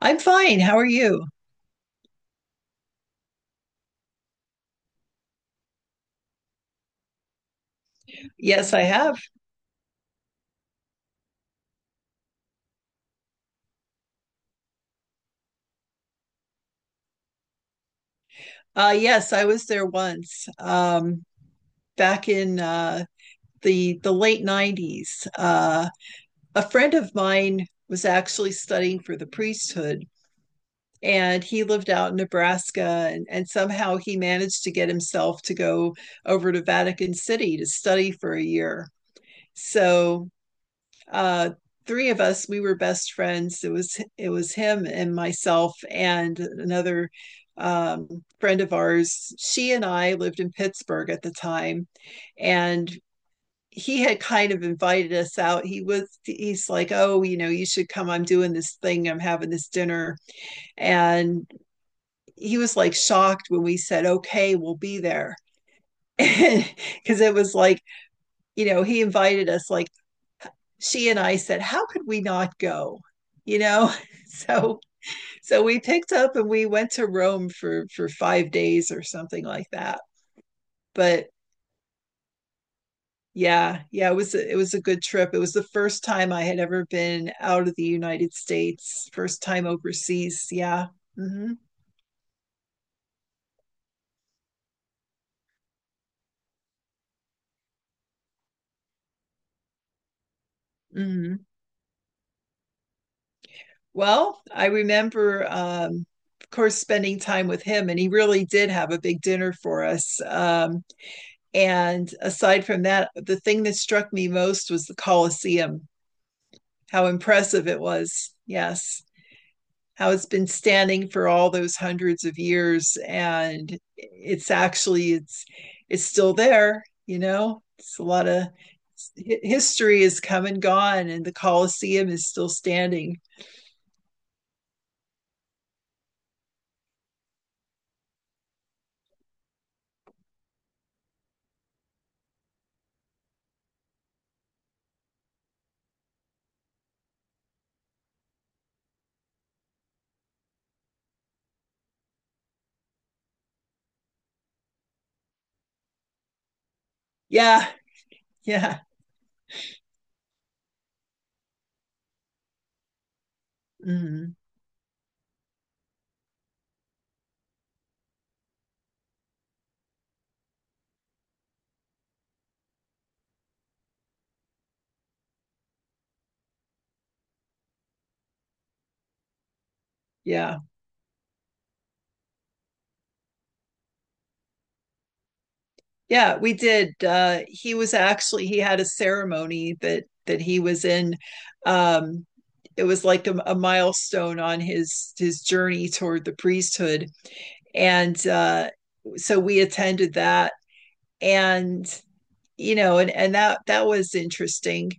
I'm fine. How are you? Yes, I have. Yes, I was there once, back in the late 90s. A friend of mine was actually studying for the priesthood, and he lived out in Nebraska, and somehow he managed to get himself to go over to Vatican City to study for a year. So uh, three of us, we were best friends. It was him and myself and another um, friend of ours. She and I lived in Pittsburgh at the time. And he had kind of invited us out. He's like, oh, you know, you should come, I'm doing this thing, I'm having this dinner. And he was like shocked when we said, okay, we'll be there, because it was like, you know, he invited us, like, she and I said, how could we not go? You know, so so we picked up and we went to Rome for 5 days or something like that. But yeah, yeah, it was it was a good trip. It was the first time I had ever been out of the United States, first time overseas. Yeah. hmm hmm Well, I remember, of course, spending time with him, and he really did have a big dinner for us. And aside from that, the thing that struck me most was the Colosseum, how impressive it was. Yes, how it's been standing for all those hundreds of years, and it's actually it's still there, you know, it's a lot of history is come and gone, and the Colosseum is still standing. Yeah. Yeah. Mhm. Yeah. Yeah, we did. He was actually, he had a ceremony that he was in, um it was like a milestone on his journey toward the priesthood. And so we attended that. And you know, and that was interesting.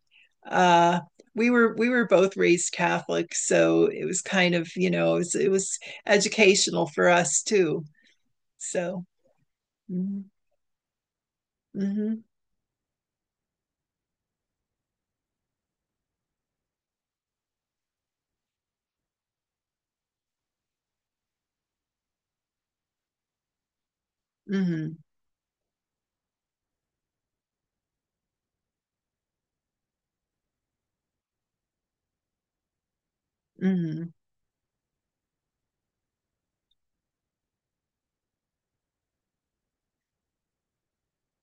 Uh we were both raised Catholic, so it was kind of, you know, it was educational for us too. So, mhm. Mhm. Mm-hmm. Mm-hmm.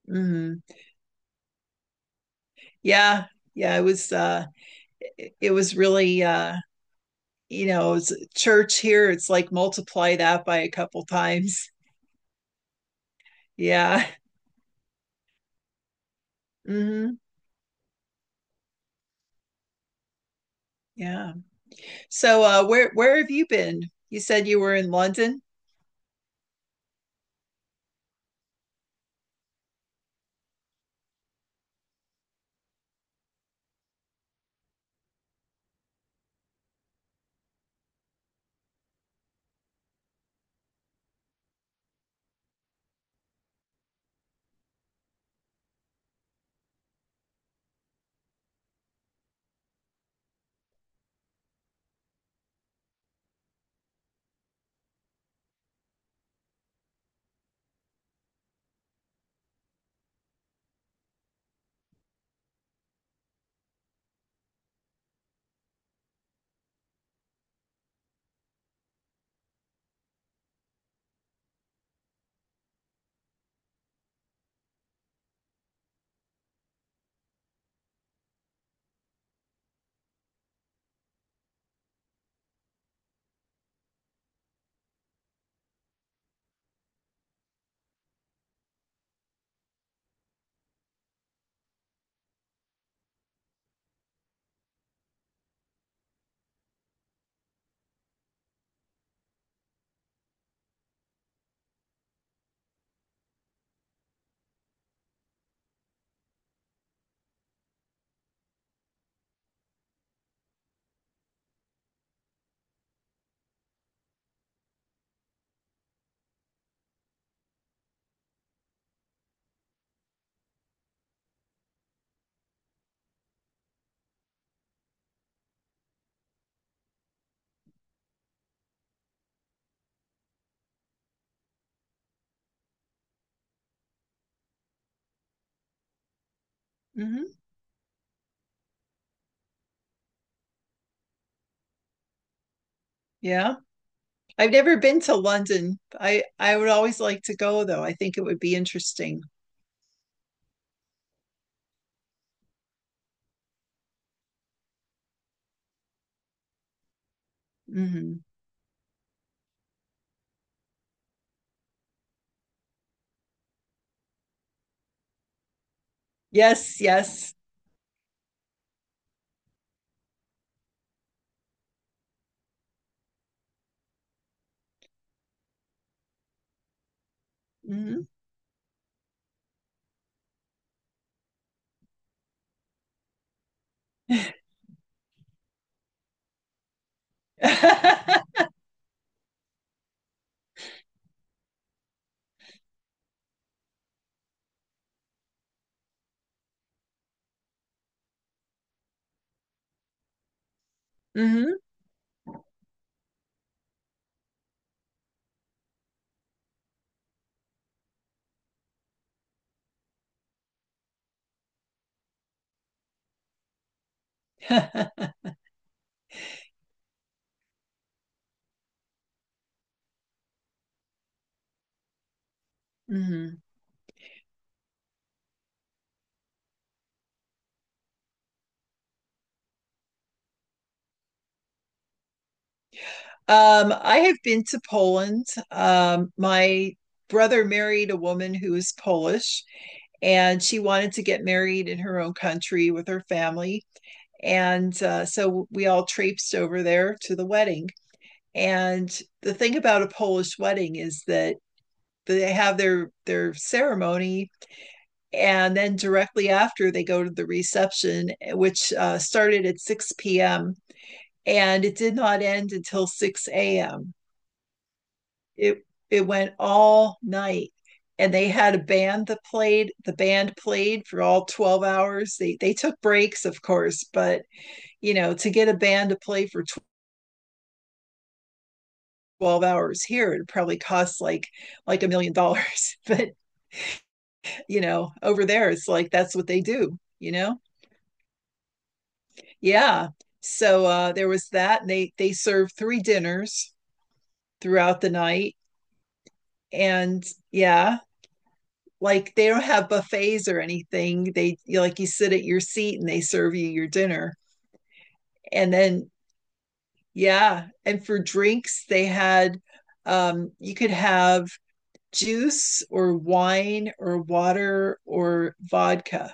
Mm-hmm. Yeah. Yeah. It was it was really you know, it's church here, it's like multiply that by a couple times. Yeah. Mm-hmm. Yeah. So where have you been? You said you were in London. Mm-hmm. Yeah. I've never been to London. I would always like to go though. I think it would be interesting. Mm-hmm. Yes, yes. Mm-hmm. Mm-hmm. Mm-hmm. I have been to Poland. My brother married a woman who is Polish, and she wanted to get married in her own country with her family. And so we all traipsed over there to the wedding. And the thing about a Polish wedding is that they have their ceremony, and then directly after they go to the reception, which started at 6 p.m. and it did not end until 6 a.m. It went all night, and they had a band that played. The band played for all 12 hours. They took breaks, of course, but you know, to get a band to play for 12 hours here, it probably costs like $1 million. But you know, over there it's like that's what they do, you know. Yeah. So there was that, and they served 3 dinners throughout the night. And yeah, like they don't have buffets or anything. They, like, you sit at your seat and they serve you your dinner. And then yeah, and for drinks they had you could have juice or wine or water or vodka.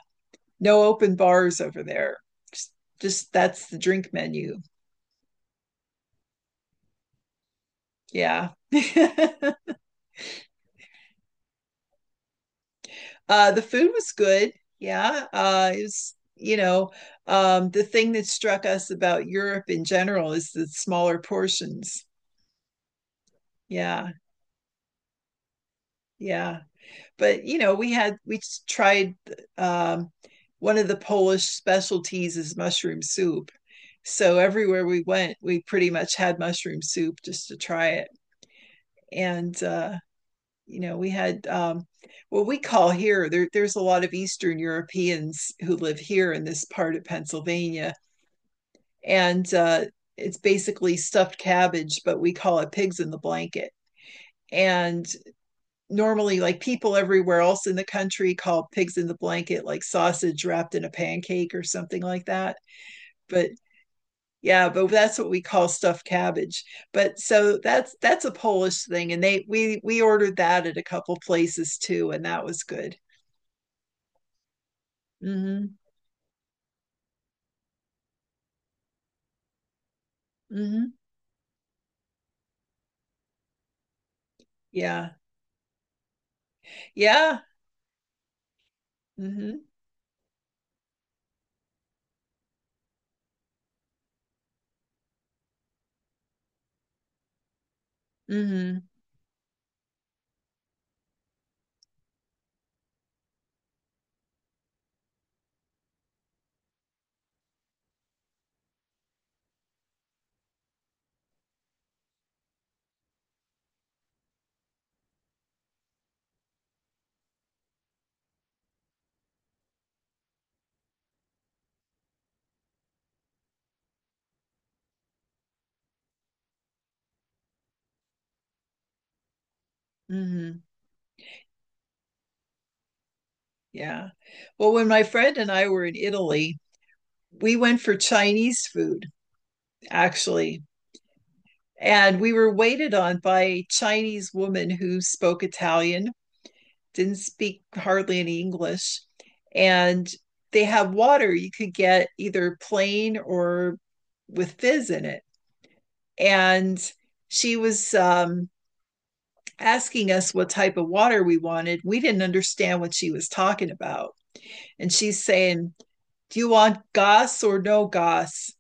No open bars over there. Just, just that's the drink menu. Yeah. The food was good. Yeah. It was, you know, the thing that struck us about Europe in general is the smaller portions. Yeah. Yeah. But, you know, we tried um, one of the Polish specialties is mushroom soup. So everywhere we went, we pretty much had mushroom soup just to try it. And you know, we had what we call here, there's a lot of Eastern Europeans who live here in this part of Pennsylvania. And it's basically stuffed cabbage, but we call it pigs in the blanket. And normally, like, people everywhere else in the country call pigs in the blanket like sausage wrapped in a pancake or something like that. But yeah, but that's what we call stuffed cabbage. But so that's a Polish thing, and they we ordered that at a couple places too, and that was good. Mm-hmm. Mm-hmm. Yeah. Yeah. Mm-hmm. Mm-hmm. Mm-hmm. Yeah. Well, when my friend and I were in Italy, we went for Chinese food, actually. And we were waited on by a Chinese woman who spoke Italian, didn't speak hardly any English. And they had water, you could get either plain or with fizz in it. And she was asking us what type of water we wanted, we didn't understand what she was talking about. And she's saying, do you want gas or no gas?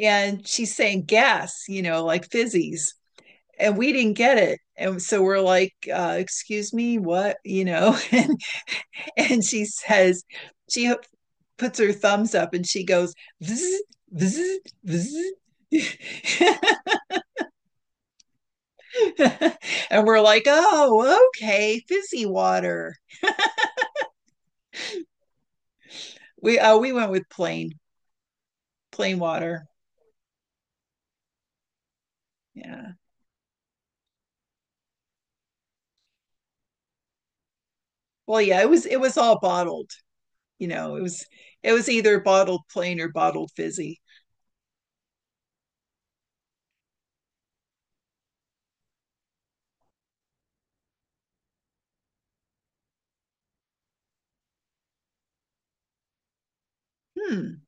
And she's saying gas, you know, like fizzies. And we didn't get it. And so we're like, excuse me, what? You know, and she says, She puts her thumbs up and she goes, vzz, vzz, vzz. And we're like, oh, okay, fizzy water. We went with plain water. Yeah. Well, yeah, it was all bottled. You know, it was, it was either bottled plain or bottled fizzy. Hmm.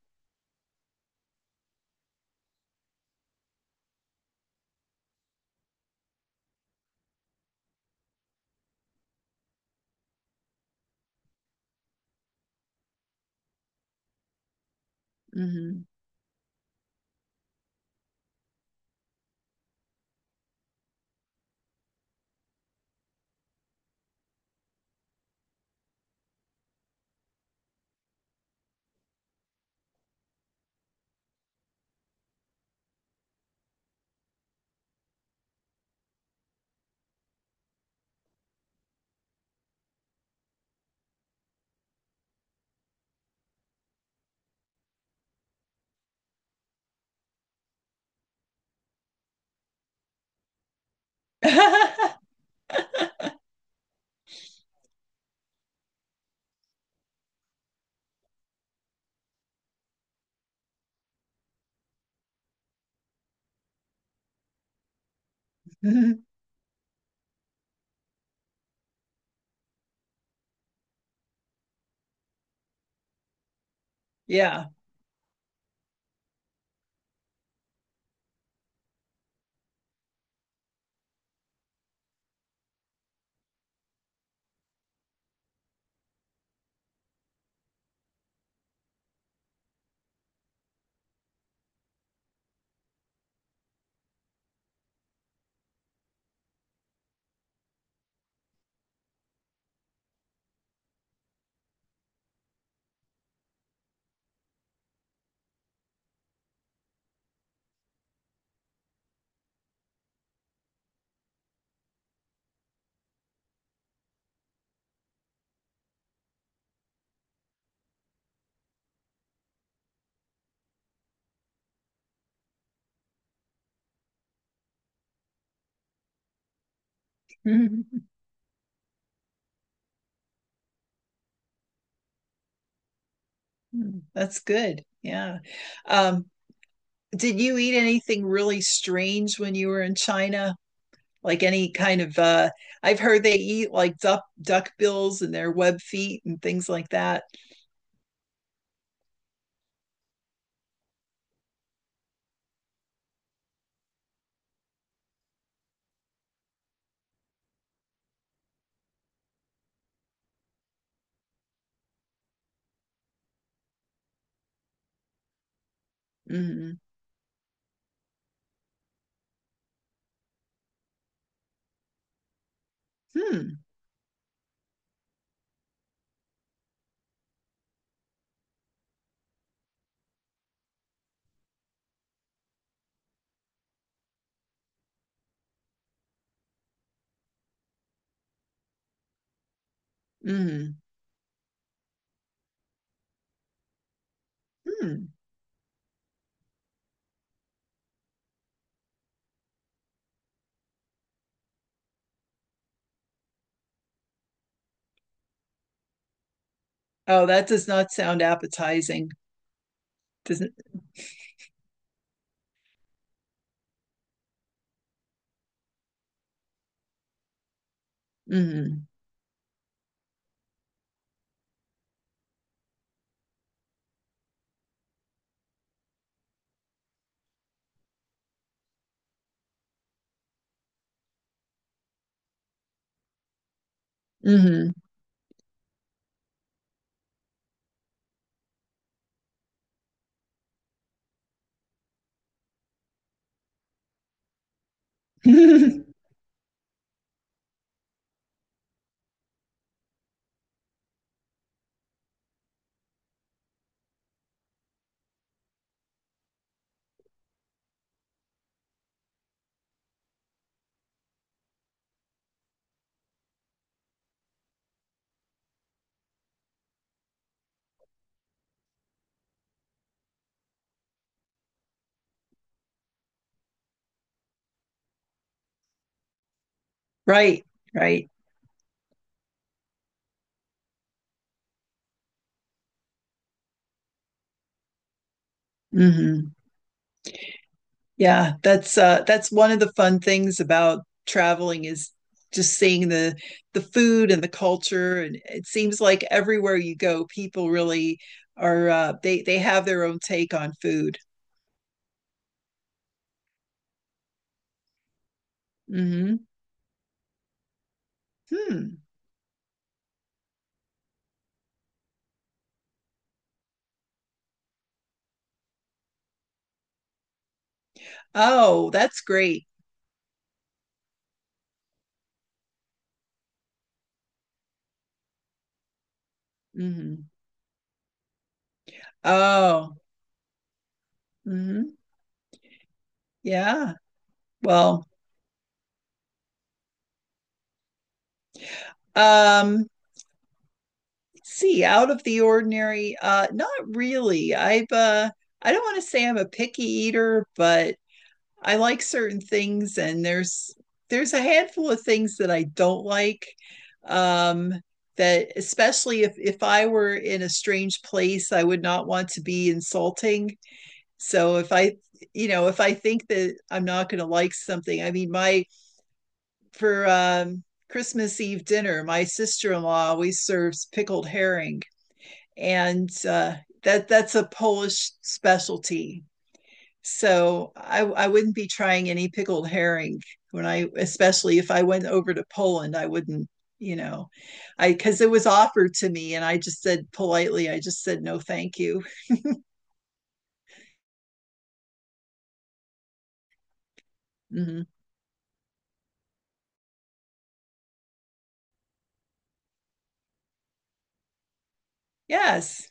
hmm yeah. That's good. Yeah. Um, did you eat anything really strange when you were in China? Like any kind of I've heard they eat like duck duck bills and their web feet and things like that. hmm Hmm. hmm Hmm. Oh, that does not sound appetizing. Doesn't. Mm-hmm. Mm-hmm. Right, right. hmm Yeah, that's one of the fun things about traveling is just seeing the food and the culture, and it seems like everywhere you go people really are they have their own take on food. hmm Hmm. Oh, that's great. hmm Oh. hmm Yeah. Well, um see, out of the ordinary, not really. I don't want to say I'm a picky eater, but I like certain things, and there's a handful of things that I don't like, um that, especially if I were in a strange place, I would not want to be insulting. So if I, you know, if I think that I'm not going to like something, I mean, my, for Christmas Eve dinner, my sister-in-law always serves pickled herring, and that, that's a Polish specialty. So I wouldn't be trying any pickled herring when I, especially if I went over to Poland, I wouldn't, you know, I, because it was offered to me, and I just said politely, I just said no, thank you. Mm-hmm. Yes,